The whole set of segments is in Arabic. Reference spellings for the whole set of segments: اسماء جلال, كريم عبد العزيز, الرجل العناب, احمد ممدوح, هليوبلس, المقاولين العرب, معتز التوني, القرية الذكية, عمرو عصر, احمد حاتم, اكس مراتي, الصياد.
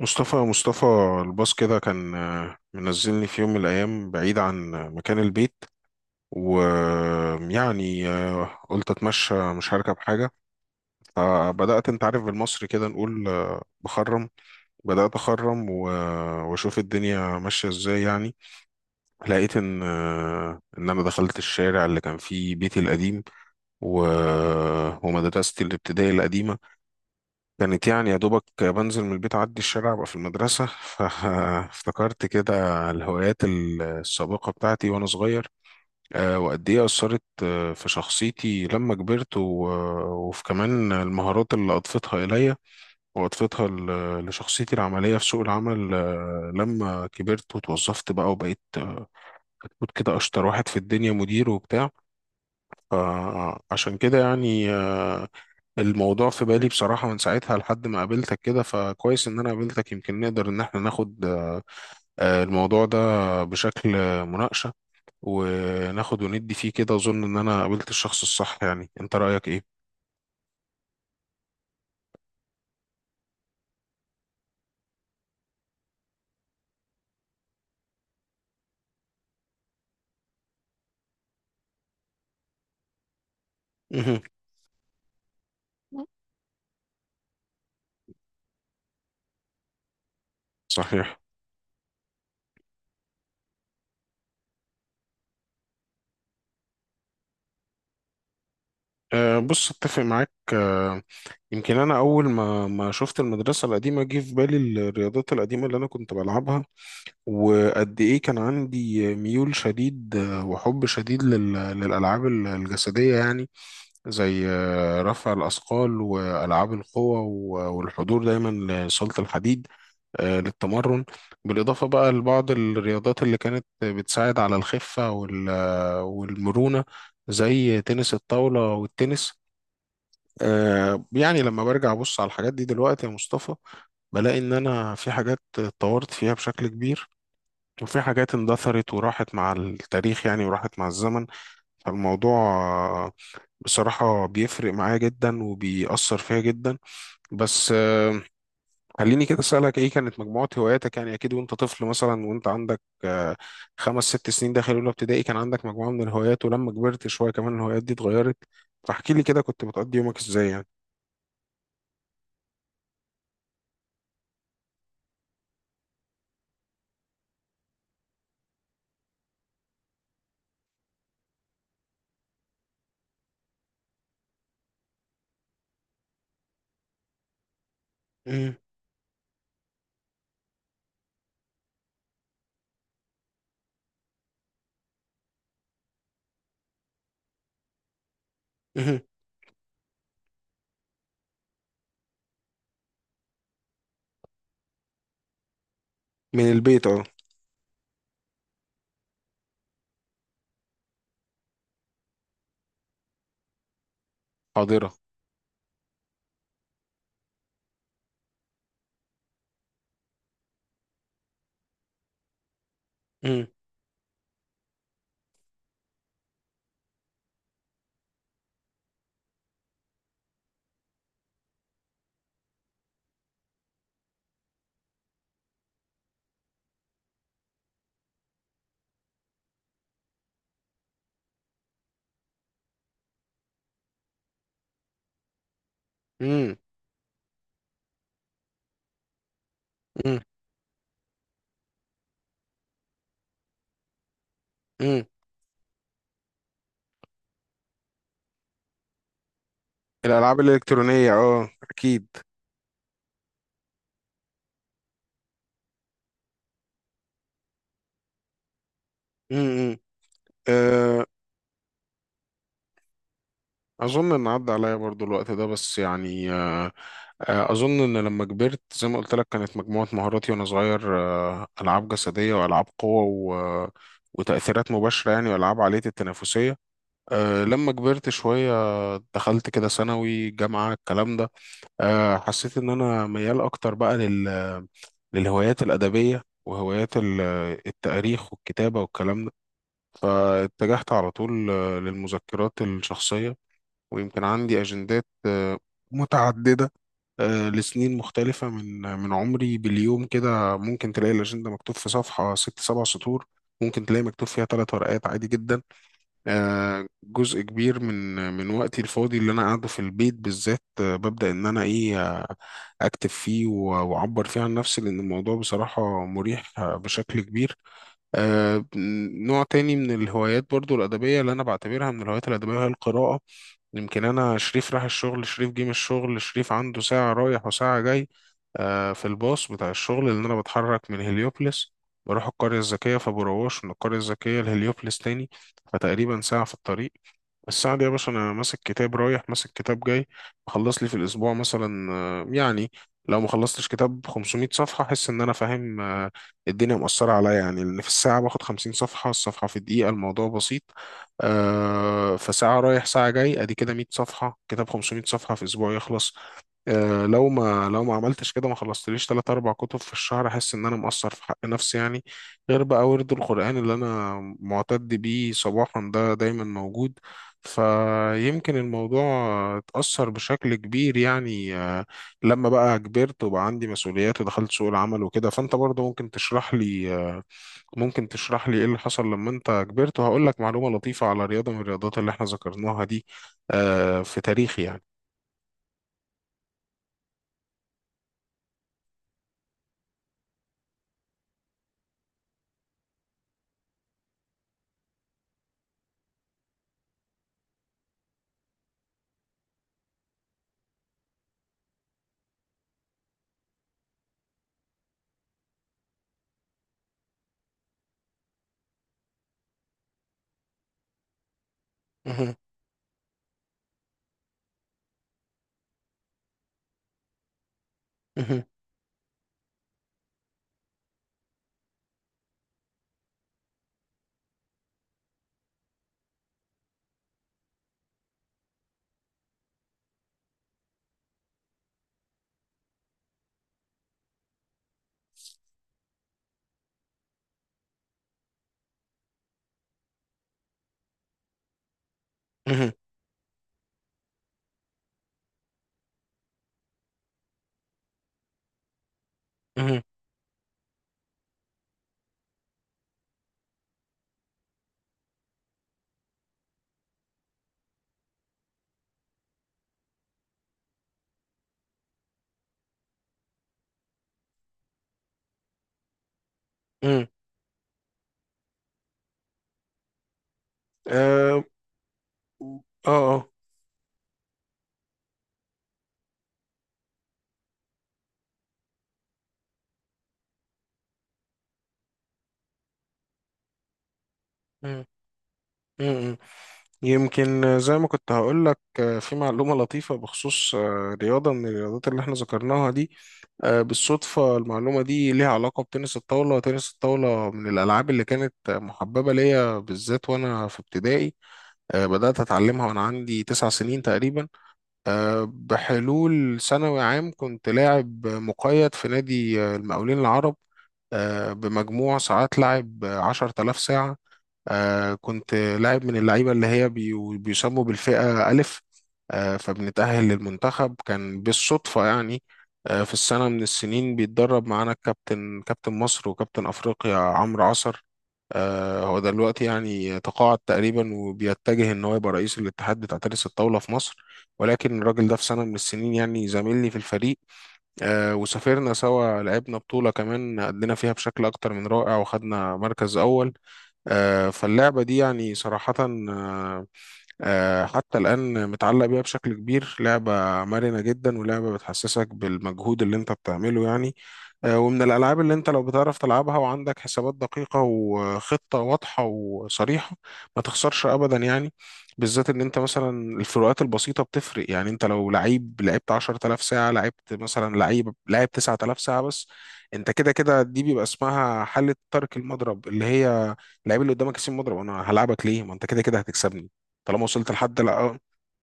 مصطفى، الباص كده كان، منزلني في يوم من الأيام بعيد عن مكان البيت. ويعني قلت أتمشى، مش هركب حاجة. فبدأت، أنت عارف، بالمصري كده نقول بخرم. بدأت أخرم وأشوف الدنيا ماشية إزاي يعني. لقيت إن إن أنا دخلت الشارع اللي كان فيه بيتي القديم ومدرستي الابتدائي القديمة. كانت يعني يا دوبك بنزل من البيت، أعدي الشارع أبقى في المدرسة. فافتكرت كده الهوايات السابقة بتاعتي وأنا صغير، وقد إيه أثرت في شخصيتي لما كبرت، وفي كمان المهارات اللي أضفتها إليا، وأضفتها لشخصيتي العملية في سوق العمل، لما كبرت وتوظفت بقى وبقيت، كنت كده أشطر واحد في الدنيا، مدير وبتاع. فعشان كده يعني، الموضوع في بالي بصراحة من ساعتها لحد ما قابلتك كده. فكويس إن أنا قابلتك، يمكن نقدر إن احنا ناخد الموضوع ده بشكل مناقشة، وناخد وندي فيه كده. أظن إن أنا قابلت الشخص الصح. يعني أنت رأيك إيه؟ مهم. صحيح. بص، أتفق معاك. يمكن أنا أول ما شفت المدرسة القديمة جه في بالي الرياضات القديمة اللي أنا كنت بلعبها، وقد إيه كان عندي ميول شديد وحب شديد للألعاب الجسدية يعني، زي رفع الأثقال وألعاب القوة والحضور دايما لصالة الحديد، للتمرن. بالإضافة بقى لبعض الرياضات اللي كانت بتساعد على الخفة والمرونة، زي تنس الطاولة والتنس. يعني لما برجع أبص على الحاجات دي دلوقتي يا مصطفى، بلاقي إن أنا في حاجات اتطورت فيها بشكل كبير، وفي حاجات اندثرت وراحت مع التاريخ يعني، وراحت مع الزمن. فالموضوع بصراحة بيفرق معايا جدا وبيأثر فيا جدا. بس خليني كده أسألك، إيه كانت مجموعة هواياتك؟ يعني أكيد وأنت طفل مثلا، وأنت عندك 5 6 سنين داخل أولى ابتدائي، كان عندك مجموعة من الهوايات، ولما كبرت شوية كمان الهوايات دي اتغيرت. فاحكي لي كده، كنت بتقضي يومك إزاي يعني؟ مم. مم. من البيت أه. حاضرة. مم. مم. مم. مم. الألعاب الإلكترونية أه أكيد. مم. مم. آه، أظن إن عدى عليا برضو الوقت ده، بس يعني أظن إن لما كبرت، زي ما قلت لك، كانت مجموعة مهاراتي وأنا صغير ألعاب جسدية وألعاب قوة و... آه، وتأثيرات مباشرة يعني، وألعاب عالية التنافسية. أه لما كبرت شوية دخلت كده ثانوي، جامعة، الكلام ده، أه حسيت إن أنا ميال أكتر بقى للهوايات الأدبية وهوايات التاريخ والكتابة والكلام ده. فاتجهت على طول للمذكرات الشخصية. ويمكن عندي أجندات متعددة، لسنين مختلفة من عمري. باليوم كده ممكن تلاقي الأجندة مكتوب في صفحة 6 7 سطور، ممكن تلاقي مكتوب فيها 3 ورقات، عادي جدا. جزء كبير من وقتي الفاضي اللي أنا قاعده في البيت بالذات، ببدأ إن أنا إيه، أكتب فيه وأعبر فيه عن نفسي، لأن الموضوع بصراحة مريح بشكل كبير. آه، نوع تاني من الهوايات برضو الأدبية، اللي أنا بعتبرها من الهوايات الأدبية، هي القراءة. يمكن انا، شريف راح الشغل، شريف جه من الشغل، شريف عنده ساعة رايح وساعة جاي في الباص بتاع الشغل، لان انا بتحرك من هليوبلس بروح القرية الذكية، فبروش من القرية الذكية لهليوبلس تاني. فتقريبا ساعة في الطريق. السعد يا باشا، انا ماسك كتاب رايح، ماسك كتاب جاي. بخلص لي في الاسبوع مثلا، يعني لو ما خلصتش كتاب 500 صفحه، احس ان انا فاهم الدنيا مؤثره عليا يعني. لان في الساعه باخد 50 صفحه، الصفحه في دقيقه، الموضوع بسيط. فساعه رايح ساعه جاي ادي كده 100 صفحه، كتاب 500 صفحه في اسبوع يخلص. لو ما عملتش كده، ما خلصتليش 3 4 كتب في الشهر، أحس إن أنا مقصر في حق نفسي يعني. غير بقى ورد القرآن اللي أنا معتد بيه صباحا ده، دايما موجود. فيمكن الموضوع اتأثر بشكل كبير يعني. لما بقى كبرت وبقى عندي مسؤوليات ودخلت سوق العمل وكده، فأنت برضه ممكن تشرح لي ممكن تشرح لي إيه اللي حصل لما أنت كبرت. وهقول لك معلومة لطيفة على رياضة من الرياضات اللي إحنا ذكرناها دي، في تاريخي يعني. مهم. مهم. مهم. امم. اه. اه آه. مم. مم، مم. يمكن زي ما كنت هقول لك، في معلومة لطيفة بخصوص رياضة من الرياضات اللي احنا ذكرناها دي. بالصدفة المعلومة دي ليها علاقة بتنس الطاولة. تنس الطاولة من الألعاب اللي كانت محببة ليا بالذات وأنا في ابتدائي. بدأت أتعلمها وأنا عندي 9 سنين تقريبا. بحلول ثانوي عام كنت لاعب مقيد في نادي المقاولين العرب، بمجموع ساعات لعب 10000 ساعة. كنت لاعب من اللعيبة اللي هي بيسموا بالفئة ألف. فبنتأهل للمنتخب. كان بالصدفة يعني، في السنة من السنين بيتدرب معانا الكابتن، كابتن مصر وكابتن أفريقيا عمرو عصر. هو دلوقتي يعني تقاعد تقريبا، وبيتجه إن هو يبقى رئيس الاتحاد بتاع تنس الطاولة في مصر. ولكن الراجل ده في سنة من السنين يعني زميلي في الفريق، وسافرنا سوا، لعبنا بطولة كمان أدينا فيها بشكل أكتر من رائع، وخدنا مركز أول. فاللعبة دي يعني صراحة، آه، حتى الآن متعلق بيها بشكل كبير. لعبة مرنة جدا، ولعبة بتحسسك بالمجهود اللي انت بتعمله يعني. ومن الألعاب اللي انت لو بتعرف تلعبها وعندك حسابات دقيقة وخطة واضحة وصريحة، ما تخسرش أبدا يعني. بالذات ان انت مثلا، الفروقات البسيطة بتفرق. يعني انت لو لعيب لعبت 10000 ساعة، لعبت مثلا لعيب لعب 9000 ساعة بس، انت كده كده دي بيبقى اسمها حالة ترك المضرب، اللي هي اللعيب اللي قدامك يسيب مضرب، انا هلعبك ليه ما انت كده كده هتكسبني؟ طالما وصلت لحد، لا.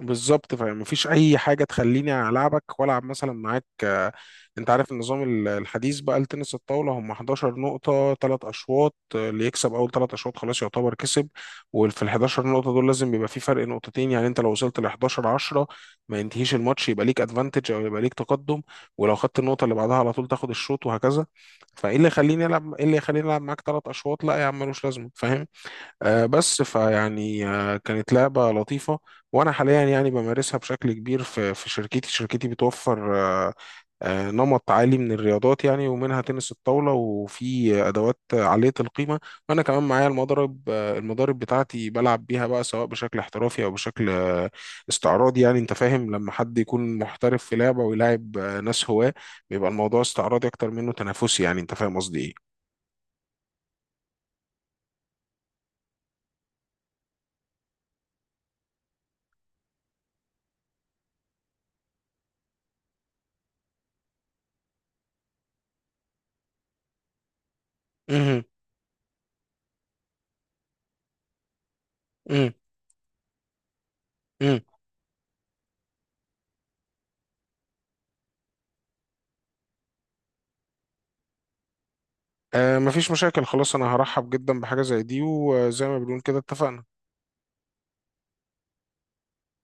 بالظبط. فمفيش اي حاجه تخليني العبك والعب مثلا معاك. انت عارف النظام الحديث بقى لتنس الطاوله، هم 11 نقطه 3 اشواط. اللي يكسب اول 3 اشواط خلاص يعتبر كسب. وفي ال 11 نقطه دول لازم يبقى في فرق نقطتين. يعني انت لو وصلت ل 11 10، ما ينتهيش الماتش، يبقى ليك ادفانتج او يبقى ليك تقدم. ولو خدت النقطه اللي بعدها على طول تاخد الشوط، وهكذا. فايه اللي يخليني العب معاك 3 اشواط؟ لا يا عم، ملوش لازمه، فاهم؟ بس فيعني كانت لعبة لطيفة. وأنا حاليا يعني بمارسها بشكل كبير في شركتي بتوفر نمط عالي من الرياضات يعني، ومنها تنس الطاولة، وفي أدوات عالية القيمة. وأنا كمان معايا المضرب آه، المضارب بتاعتي بلعب بيها بقى، سواء بشكل احترافي أو بشكل استعراضي يعني. أنت فاهم لما حد يكون محترف في لعبة ويلاعب ناس هواة، بيبقى الموضوع استعراضي أكتر منه تنافسي. يعني أنت فاهم قصدي إيه؟ مهم. مم. آه مفيش مشاكل، خلاص انا هرحب جدا بحاجة زي دي. وزي ما بنقول كده، اتفقنا.